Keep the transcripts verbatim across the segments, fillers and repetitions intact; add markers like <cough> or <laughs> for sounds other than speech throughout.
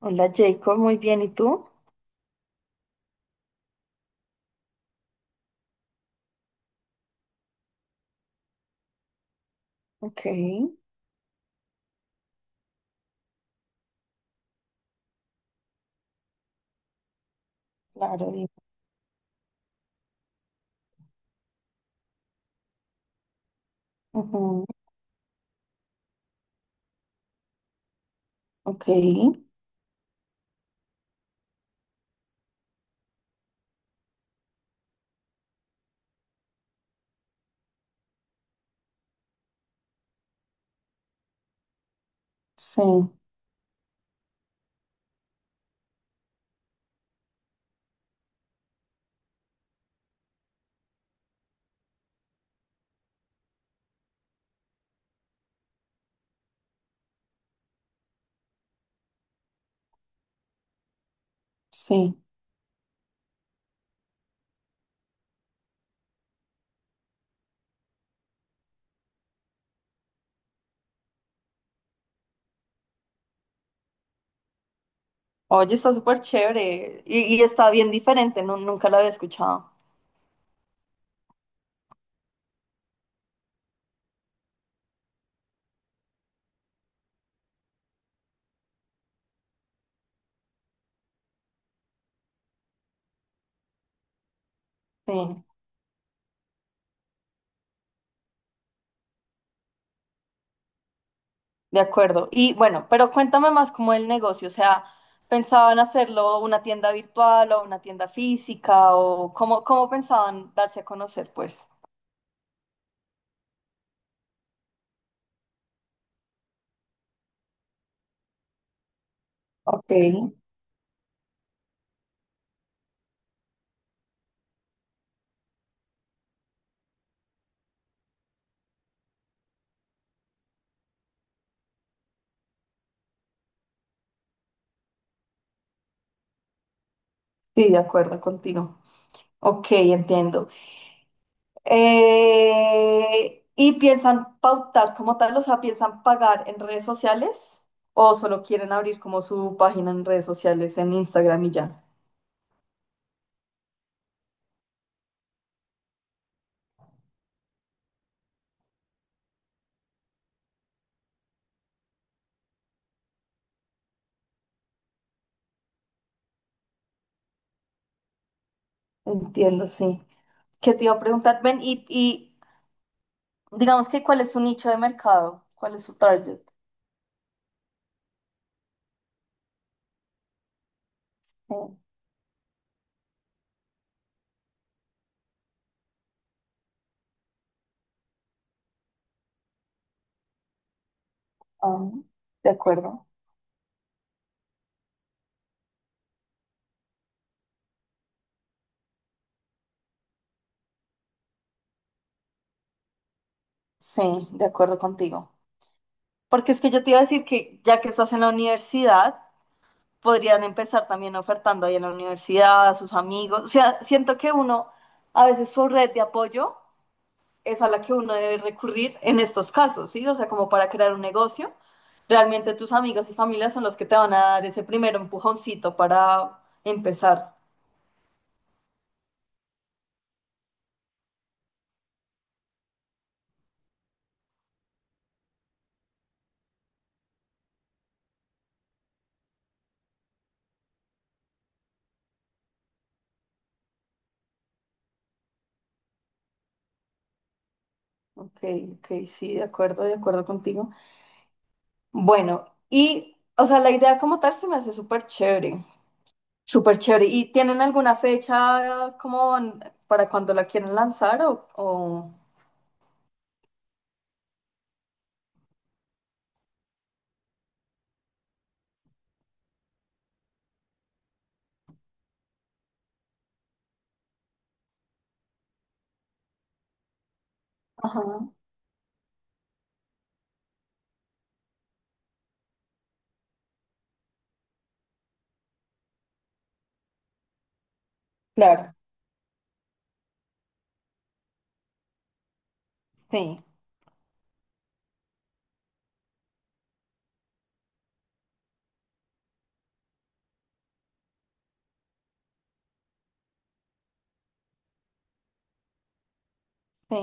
Hola Jacob, muy bien, ¿y tú? Ok, claro, dime. Ujú, ok, sí, sí. Oye, está súper chévere y, y está bien diferente, nu- nunca la había escuchado. Sí, de acuerdo. Y bueno, pero cuéntame más cómo el negocio, o sea, ¿pensaban hacerlo una tienda virtual o una tienda física o cómo, cómo pensaban darse a conocer, pues? Ok, sí, de acuerdo contigo. Ok, entiendo. Eh, ¿y piensan pautar como tal? O sea, ¿piensan pagar en redes sociales? ¿O solo quieren abrir como su página en redes sociales, en Instagram y ya? Entiendo, sí. ¿Qué te iba a preguntar? Ven y, y digamos que ¿cuál es su nicho de mercado? ¿Cuál es su target? Sí, ah, de acuerdo. Sí, de acuerdo contigo. Porque es que yo te iba a decir que ya que estás en la universidad, podrían empezar también ofertando ahí en la universidad, a sus amigos. O sea, siento que uno, a veces su red de apoyo es a la que uno debe recurrir en estos casos, ¿sí? O sea, como para crear un negocio. Realmente tus amigos y familia son los que te van a dar ese primer empujoncito para empezar. Ok, ok, sí, de acuerdo, de acuerdo contigo. Bueno, y, o sea, la idea como tal se me hace súper chévere, súper chévere. ¿Y tienen alguna fecha como en- para cuando la quieren lanzar o, o... Ajá, claro, sí, sí.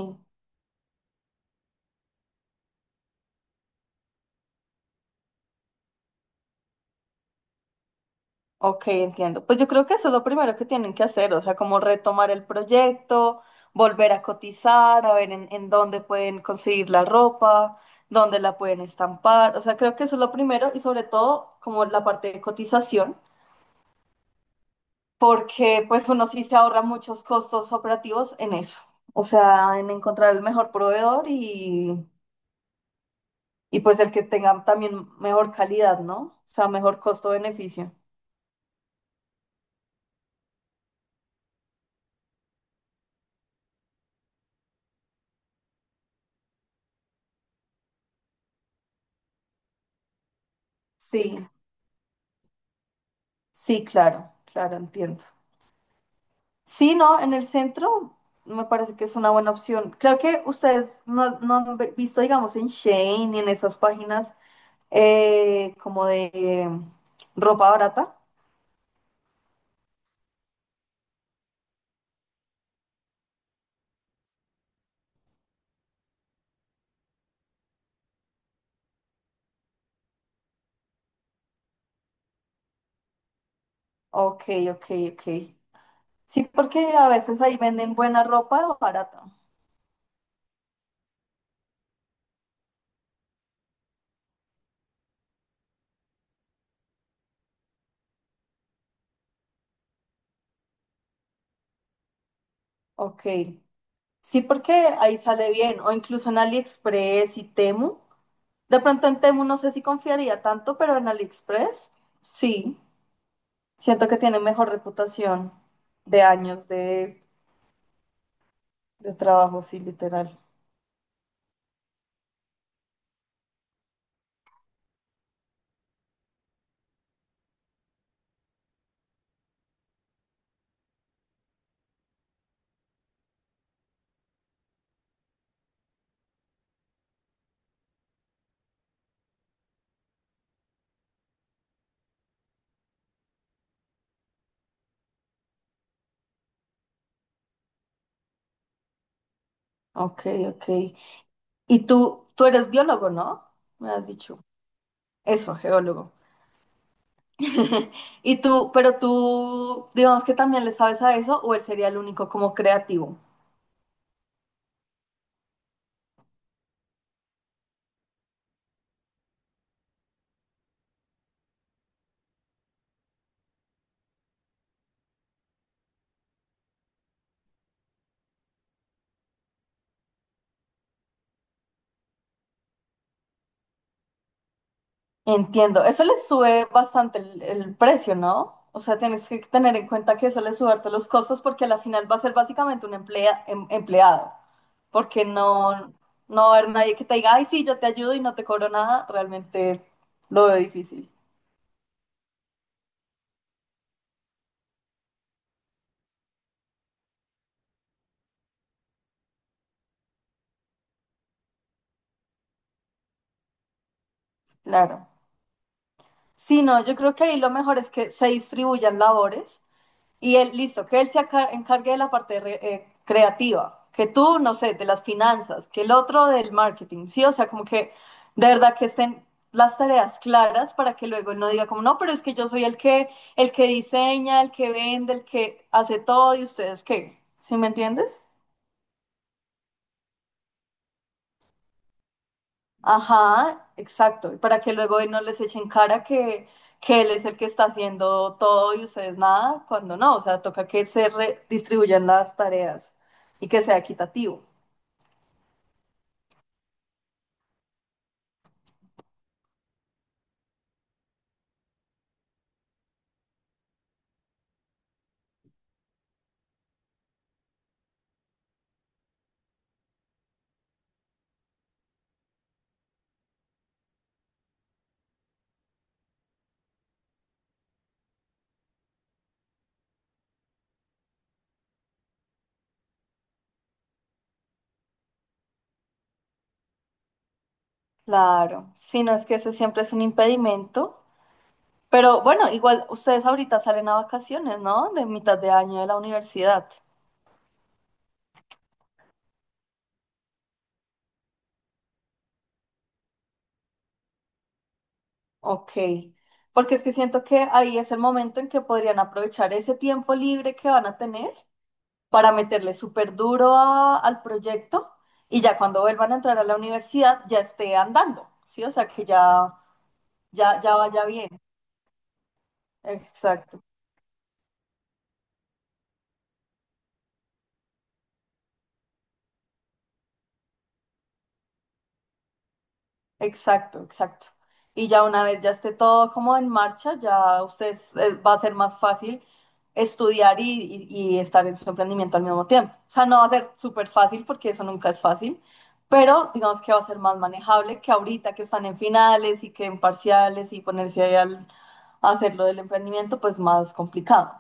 Ok, entiendo. Pues yo creo que eso es lo primero que tienen que hacer, o sea, como retomar el proyecto, volver a cotizar, a ver en, en dónde pueden conseguir la ropa, dónde la pueden estampar. O sea, creo que eso es lo primero y sobre todo como la parte de cotización, porque pues uno sí se ahorra muchos costos operativos en eso. O sea, en encontrar el mejor proveedor y, y pues el que tenga también mejor calidad, ¿no? O sea, mejor costo-beneficio. Sí. Sí, claro, claro, entiendo. Sí, no, en el centro me parece que es una buena opción. Creo que ustedes no, no han ve- visto, digamos, en Shein y en esas páginas eh, como de eh, ropa barata. Ok, ok, ok. Sí, porque a veces ahí venden buena ropa barata. Ok. Sí, porque ahí sale bien. O incluso en AliExpress y Temu. De pronto en Temu no sé si confiaría tanto, pero en AliExpress sí. Siento que tiene mejor reputación de años de, de trabajo, sí, literal. Ok, ok. Y tú, tú eres biólogo, ¿no? Me has dicho. Eso, geólogo. <laughs> Y tú, pero tú, digamos que también le sabes a eso, o él sería el único como creativo. Entiendo, eso les sube bastante el, el precio, ¿no? O sea, tienes que tener en cuenta que eso les sube harto los costos porque a la final va a ser básicamente un emplea- em- empleado, porque no, no va a haber nadie que te diga, ay, sí, yo te ayudo y no te cobro nada, realmente lo veo difícil, claro. Sí, no, yo creo que ahí lo mejor es que se distribuyan labores. Y él, listo, que él se aca- encargue de la parte re- eh, creativa, que tú, no sé, de las finanzas, que el otro del marketing, ¿sí? O sea, como que de verdad que estén las tareas claras para que luego él no diga como, no, pero es que yo soy el que, el que diseña, el que vende, el que hace todo y ustedes qué, ¿sí me entiendes? Ajá, exacto, y para que luego él no les echen cara que, que él es el que está haciendo todo y ustedes nada, cuando no, o sea, toca que se redistribuyan las tareas y que sea equitativo. Claro, sí, no es que ese siempre es un impedimento, pero bueno, igual ustedes ahorita salen a vacaciones, ¿no? De mitad de año de la universidad. Ok, porque es que siento que ahí es el momento en que podrían aprovechar ese tiempo libre que van a tener para meterle súper duro a- al proyecto y ya cuando vuelvan a entrar a la universidad ya esté andando, ¿sí? O sea, que ya, ya, ya vaya bien. Exacto. Exacto, exacto. Y ya una vez ya esté todo como en marcha, ya ustedes eh, va a ser más fácil estudiar y, y- y estar en su emprendimiento al mismo tiempo. O sea, no va a ser súper fácil porque eso nunca es fácil, pero digamos que va a ser más manejable que ahorita que están en finales y que en parciales y ponerse ahí al a hacer lo del emprendimiento, pues más complicado.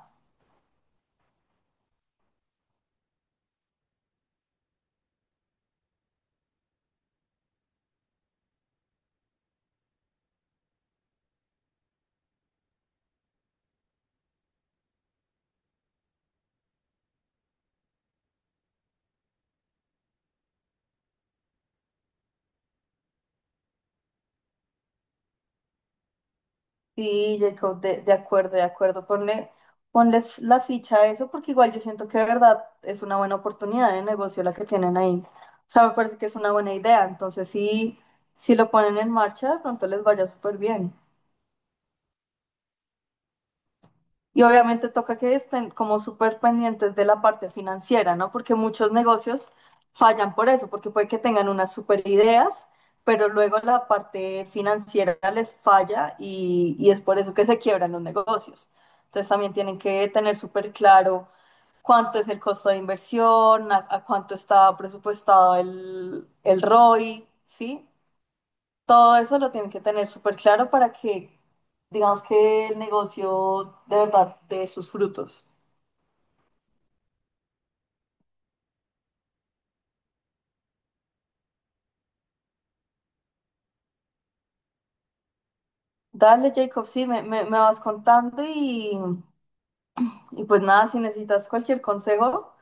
Sí, Jacob, de, de acuerdo, de acuerdo. Ponle, ponle f- la ficha a eso porque igual yo siento que de verdad es una buena oportunidad de negocio la que tienen ahí. O sea, me parece que es una buena idea. Entonces, sí, si lo ponen en marcha, de pronto les vaya súper bien. Y obviamente toca que estén como súper pendientes de la parte financiera, ¿no? Porque muchos negocios fallan por eso, porque puede que tengan unas súper ideas, pero luego la parte financiera les falla y, y es por eso que se quiebran los negocios. Entonces también tienen que tener súper claro cuánto es el costo de inversión, a, a cuánto está presupuestado el, el R O I, ¿sí? Todo eso lo tienen que tener súper claro para que, digamos que el negocio de verdad dé sus frutos. Dale, Jacob, sí, me, me- me vas contando y, y pues nada, si necesitas cualquier consejo,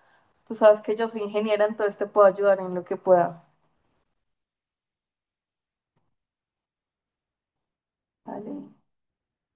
tú sabes que yo soy ingeniera, entonces te puedo ayudar en lo que pueda. Dale.